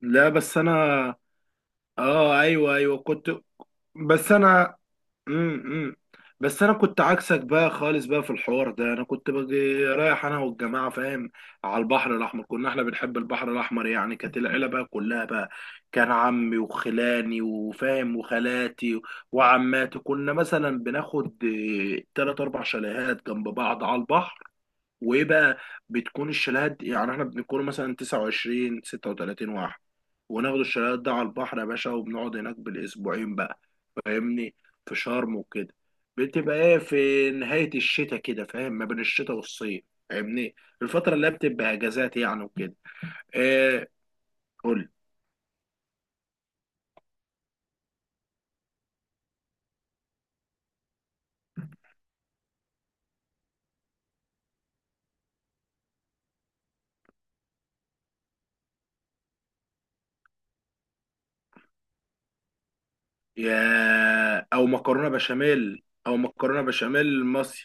لا، بس انا اه، ايوه كنت. بس انا، امم بس انا كنت عكسك بقى خالص بقى في الحوار ده. انا كنت باجي رايح انا والجماعه، فاهم، على البحر الاحمر. كنا احنا بنحب البحر الاحمر، يعني كانت العيله بقى كلها بقى، كان عمي وخلاني وفاهم وخالاتي وعماتي، كنا مثلا بناخد ثلاث اربع شاليهات جنب بعض على البحر. وايه بقى، بتكون يعني احنا بنكون مثلا 29 36 واحد وناخد الشاليهات ده على البحر يا باشا، وبنقعد هناك بالاسبوعين بقى، فاهمني، في شرم وكده. بتبقى ايه في نهاية الشتاء كده، فاهم، ما بين الشتاء والصيف، فاهمني، الفترة اللي هي بتبقى اجازات يعني وكده. ايه؟ قول. يا او مكرونة بشاميل، او مكرونة بشاميل مصري.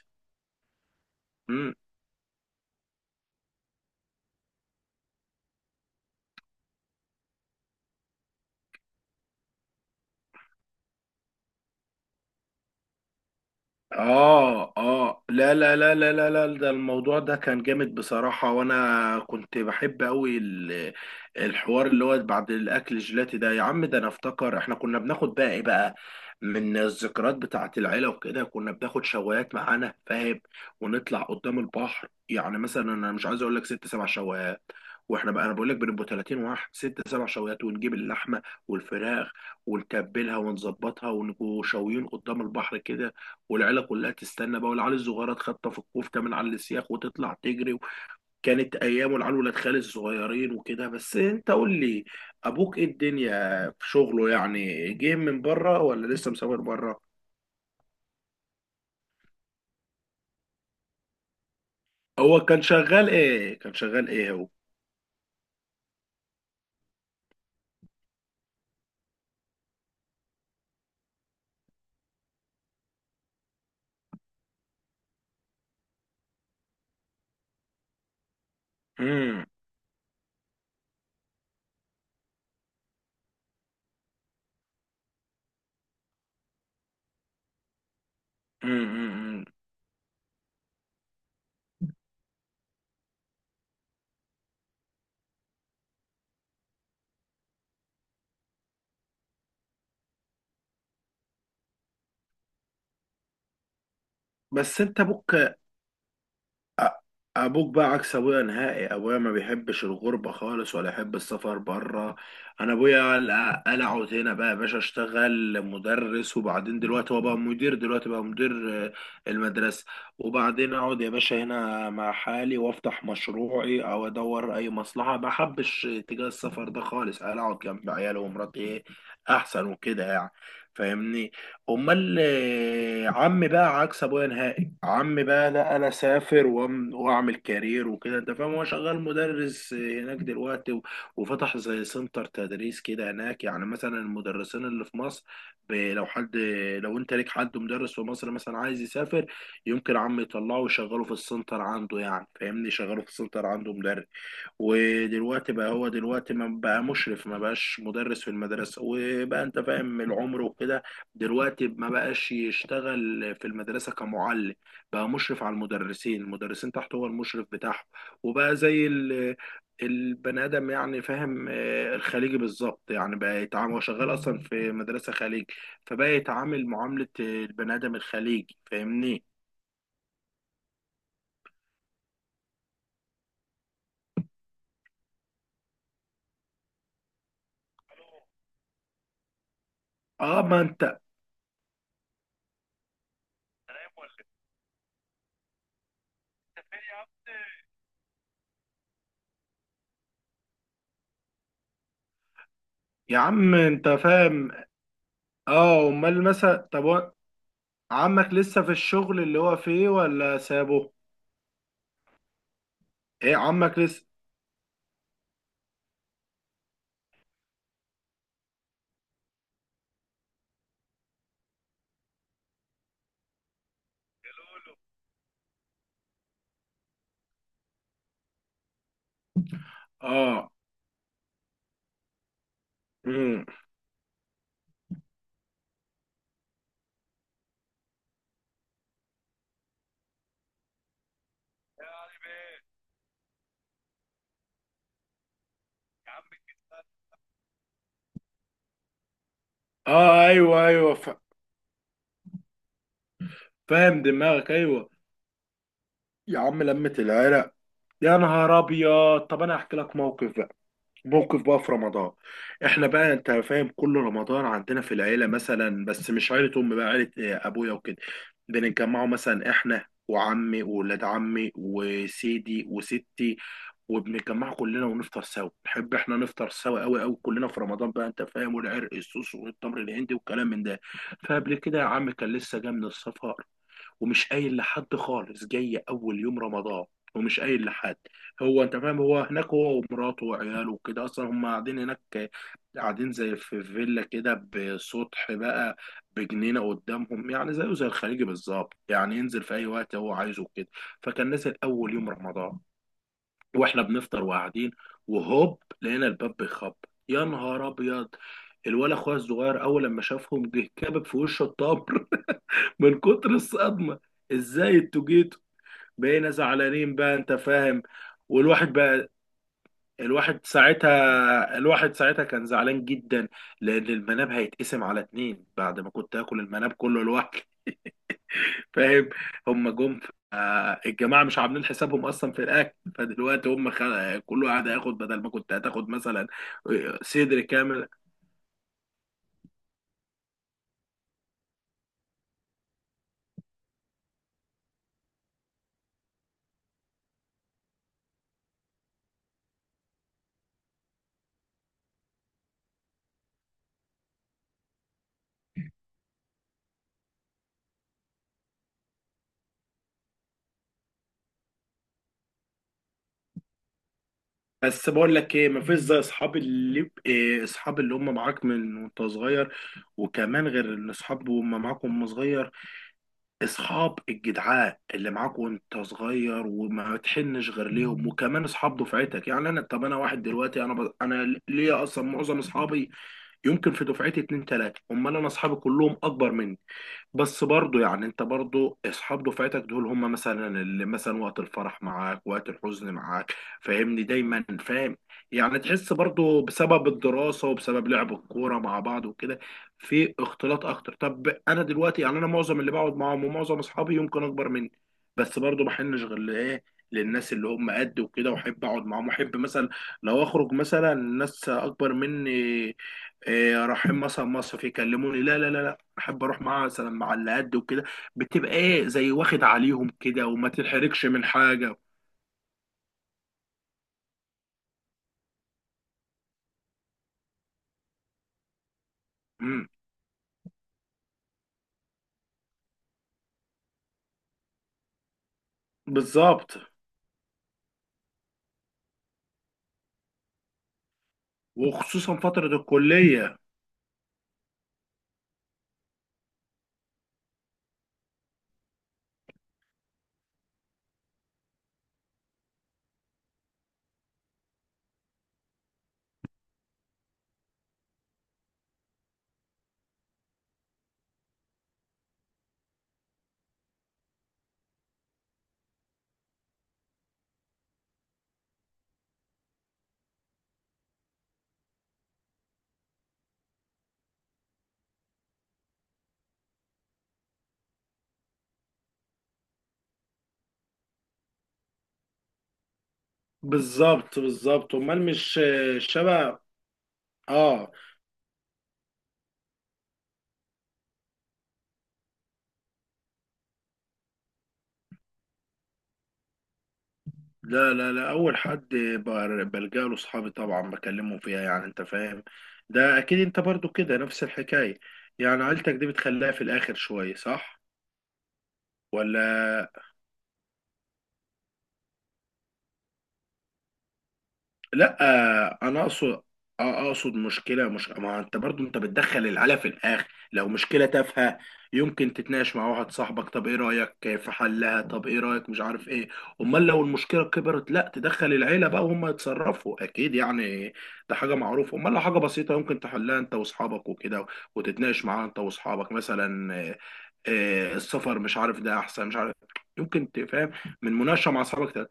اه اه، لا، ده الموضوع ده كان جامد بصراحة، وانا كنت بحب قوي الحوار اللي هو بعد الاكل، الجيلاتي ده يا عم، ده انا افتكر احنا كنا بناخد بقى ايه بقى من الذكريات بتاعة العيلة وكده، كنا بناخد شوايات معانا، فاهم، ونطلع قدام البحر. يعني مثلا انا مش عايز اقول لك ست سبع شوايات، واحنا بقى انا بقول لك بنبقى 30 واحد، ست سبع شوايات، ونجيب اللحمه والفراخ ونتبلها ونظبطها ونبقوا شاويين قدام البحر كده، والعيله كلها تستنى بقى، والعيال الصغيره تخطف الكفته من على السياخ وتطلع تجري. كانت ايام، والعيال ولاد خالي الصغيرين وكده. بس انت قول لي، ابوك ايه الدنيا في شغله؟ يعني جه من بره ولا لسه مسافر بره؟ هو كان شغال ايه؟ كان شغال ايه هو؟ امم امم أمم. بس انت ابوك، أ- ابوك بقى عكس ابويا نهائي. ابويا ما بيحبش الغربه خالص، ولا يحب السفر بره. انا ابويا قلعه هنا بقى يا باشا، اشتغل مدرس وبعدين دلوقتي هو بقى مدير، دلوقتي بقى مدير آه، المدرسه. وبعدين اقعد يا باشا هنا مع حالي وافتح مشروعي او ادور اي مصلحه، ما حبش اتجاه السفر ده خالص، قلعه جنب عياله ومراتي إيه؟ احسن وكده يعني، فاهمني. امال آه، عمي بقى عكس ابويا نهائي. عمي بقى، لا انا سافر واعمل كارير وكده، انت فاهم. هو شغال مدرس هناك دلوقتي، وفتح زي سنتر تدريس كده هناك. يعني مثلا المدرسين اللي في مصر، لو حد، لو انت ليك حد مدرس في مصر مثلا عايز يسافر، يمكن عمي يطلعه ويشغله في السنتر عنده. يعني فاهمني، يشغله في السنتر عنده مدرس. ودلوقتي بقى هو دلوقتي ما بقى مشرف، ما بقاش مدرس في المدرسة، وبقى انت فاهم العمر وكده. دلوقتي ما بقاش يشتغل في المدرسة كمعلم، بقى مشرف على المدرسين، المدرسين تحته هو المشرف بتاعهم. وبقى زي البني آدم يعني، فاهم، آه، الخليجي بالظبط. يعني بقى يتعامل، هو شغال أصلا في مدرسة خليج، فبقى يتعامل معاملة البني آدم الخليجي، فاهمني. اه، ما انت. يا عم انت فاهم. اه، امال مثلا، طب هو عمك لسه في الشغل اللي هو فيه ولا سابه؟ ايه عمك لسه؟ اه. امم. اه، ايوه فاهم دماغك، ايوه. يا عم لمة العرق، يا نهار ابيض. طب انا هحكي لك موقف بقى، موقف بقى في رمضان. احنا بقى انت فاهم، كل رمضان عندنا في العيله مثلا، بس مش عيله امي بقى، عيله آه، ابويا وكده، بنتجمعوا مثلا احنا وعمي وولاد عمي وسيدي وستي، وبنتجمع كلنا ونفطر سوا. نحب احنا نفطر سوا قوي قوي كلنا في رمضان بقى، انت فاهم، والعرق السوس والتمر الهندي والكلام من ده. فقبل كده يا عم كان لسه جاي من السفر، ومش قايل لحد خالص، جاي اول يوم رمضان ومش قايل لحد. هو انت فاهم، هو هناك هو ومراته وعياله وكده اصلا هم قاعدين هناك، قاعدين زي في فيلا كده بسطح بقى، بجنينه قدامهم. يعني زيه زي الخليجي بالظبط، يعني ينزل في اي وقت هو عايزه كده. فكان نزل اول يوم رمضان، واحنا بنفطر وقاعدين، وهوب لقينا الباب بيخبط. يا نهار ابيض، الولا اخويا الصغير اول لما شافهم جه كابب في وشه الطبل من كتر الصدمه. ازاي انتوا جيتوا؟ بقينا زعلانين بقى، انت فاهم. والواحد بقى، الواحد ساعتها كان زعلان جدا، لان المناب هيتقسم على اتنين بعد ما كنت اكل المناب كله لوحدي، فاهم. هم جم آه، الجماعه مش عاملين حسابهم اصلا في الاكل، فدلوقتي هم خل... كل واحد هياخد بدل ما كنت هتاخد مثلا آه، صدر كامل. بس بقول لك ايه، مفيش زي اصحاب اللي إيه، اصحاب اللي هم معاك من وانت صغير. وكمان غير ان اصحاب وهم معاك وهم صغير، اصحاب الجدعاء اللي معاك وانت صغير وما تحنش غير ليهم. وكمان اصحاب دفعتك، يعني انا، طب انا واحد دلوقتي انا انا ليا اصلا معظم اصحابي، يمكن في دفعتي اتنين تلاته، امال انا اصحابي كلهم اكبر مني. بس برضو يعني، انت برضو اصحاب دفعتك دول هم مثلا اللي مثلا وقت الفرح معاك، وقت الحزن معاك، فاهمني، دايما، فاهم. يعني تحس برضو بسبب الدراسة وبسبب لعب الكورة مع بعض وكده في اختلاط اكتر. طب انا دلوقتي يعني، انا معظم اللي بقعد معاهم ومعظم اصحابي يمكن اكبر مني، بس برضو بحنش غير لايه، للناس اللي هم قد وكده، واحب اقعد معاهم. واحب مثلا لو اخرج مثلا ناس اكبر مني، إيه، رايحين مثلا مصيف، يكلموني، لا لا لا، احب اروح معاها مثلا مع اللي قد وكده. بتبقى ايه زي واخد عليهم كده وما تتحركش من حاجه. امم. بالظبط. وخصوصا فتره الكليه. بالظبط بالظبط، امال مش آه، شبه. اه، لا، اول حد بلجأ له صحابي طبعا، بكلمهم فيها، يعني انت فاهم، ده اكيد. انت برضو كده نفس الحكايه، يعني عيلتك دي بتخليها في الاخر شويه، صح ولا لا؟ آه، انا اقصد آه، اقصد مشكله، مش ما انت برضو انت بتدخل العلا في الاخر. لو مشكله تافهه يمكن تتناقش مع واحد صاحبك، طب ايه رايك في حلها، طب ايه رايك، مش عارف ايه. امال لو المشكله كبرت، لا تدخل العيله بقى وهم يتصرفوا اكيد يعني، ده حاجه معروفه. امال لو حاجه بسيطه يمكن تحلها انت واصحابك وكده، وتتناقش معاها انت واصحابك مثلا، آه، آه، السفر مش عارف، ده احسن مش عارف، يمكن تفهم من مناقشه مع اصحابك ده.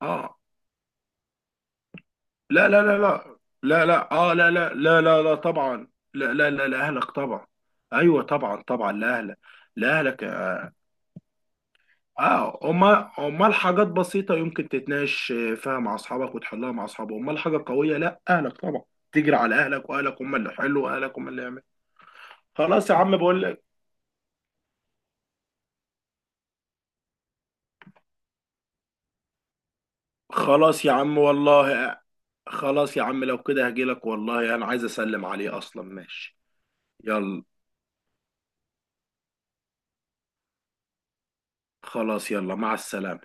اه. لا لا لا لا لا لا. اه، لا، طبعا. لا لاهلك طبعا. ايوه طبعا طبعا، لاهلك. لاهلك. اه، امال امال حاجات بسيطه يمكن تتناقش فيها مع اصحابك وتحلها مع اصحابك، امال حاجه قويه لا اهلك طبعا، تجري على اهلك، واهلك هم اللي حلوا، واهلك هم اللي يعملوا. خلاص يا عم، بقول لك، خلاص يا عم والله. خلاص يا عم لو كده هجيلك والله، انا عايز اسلم عليه اصلا، ماشي. يلا، خلاص يلا، مع السلامه.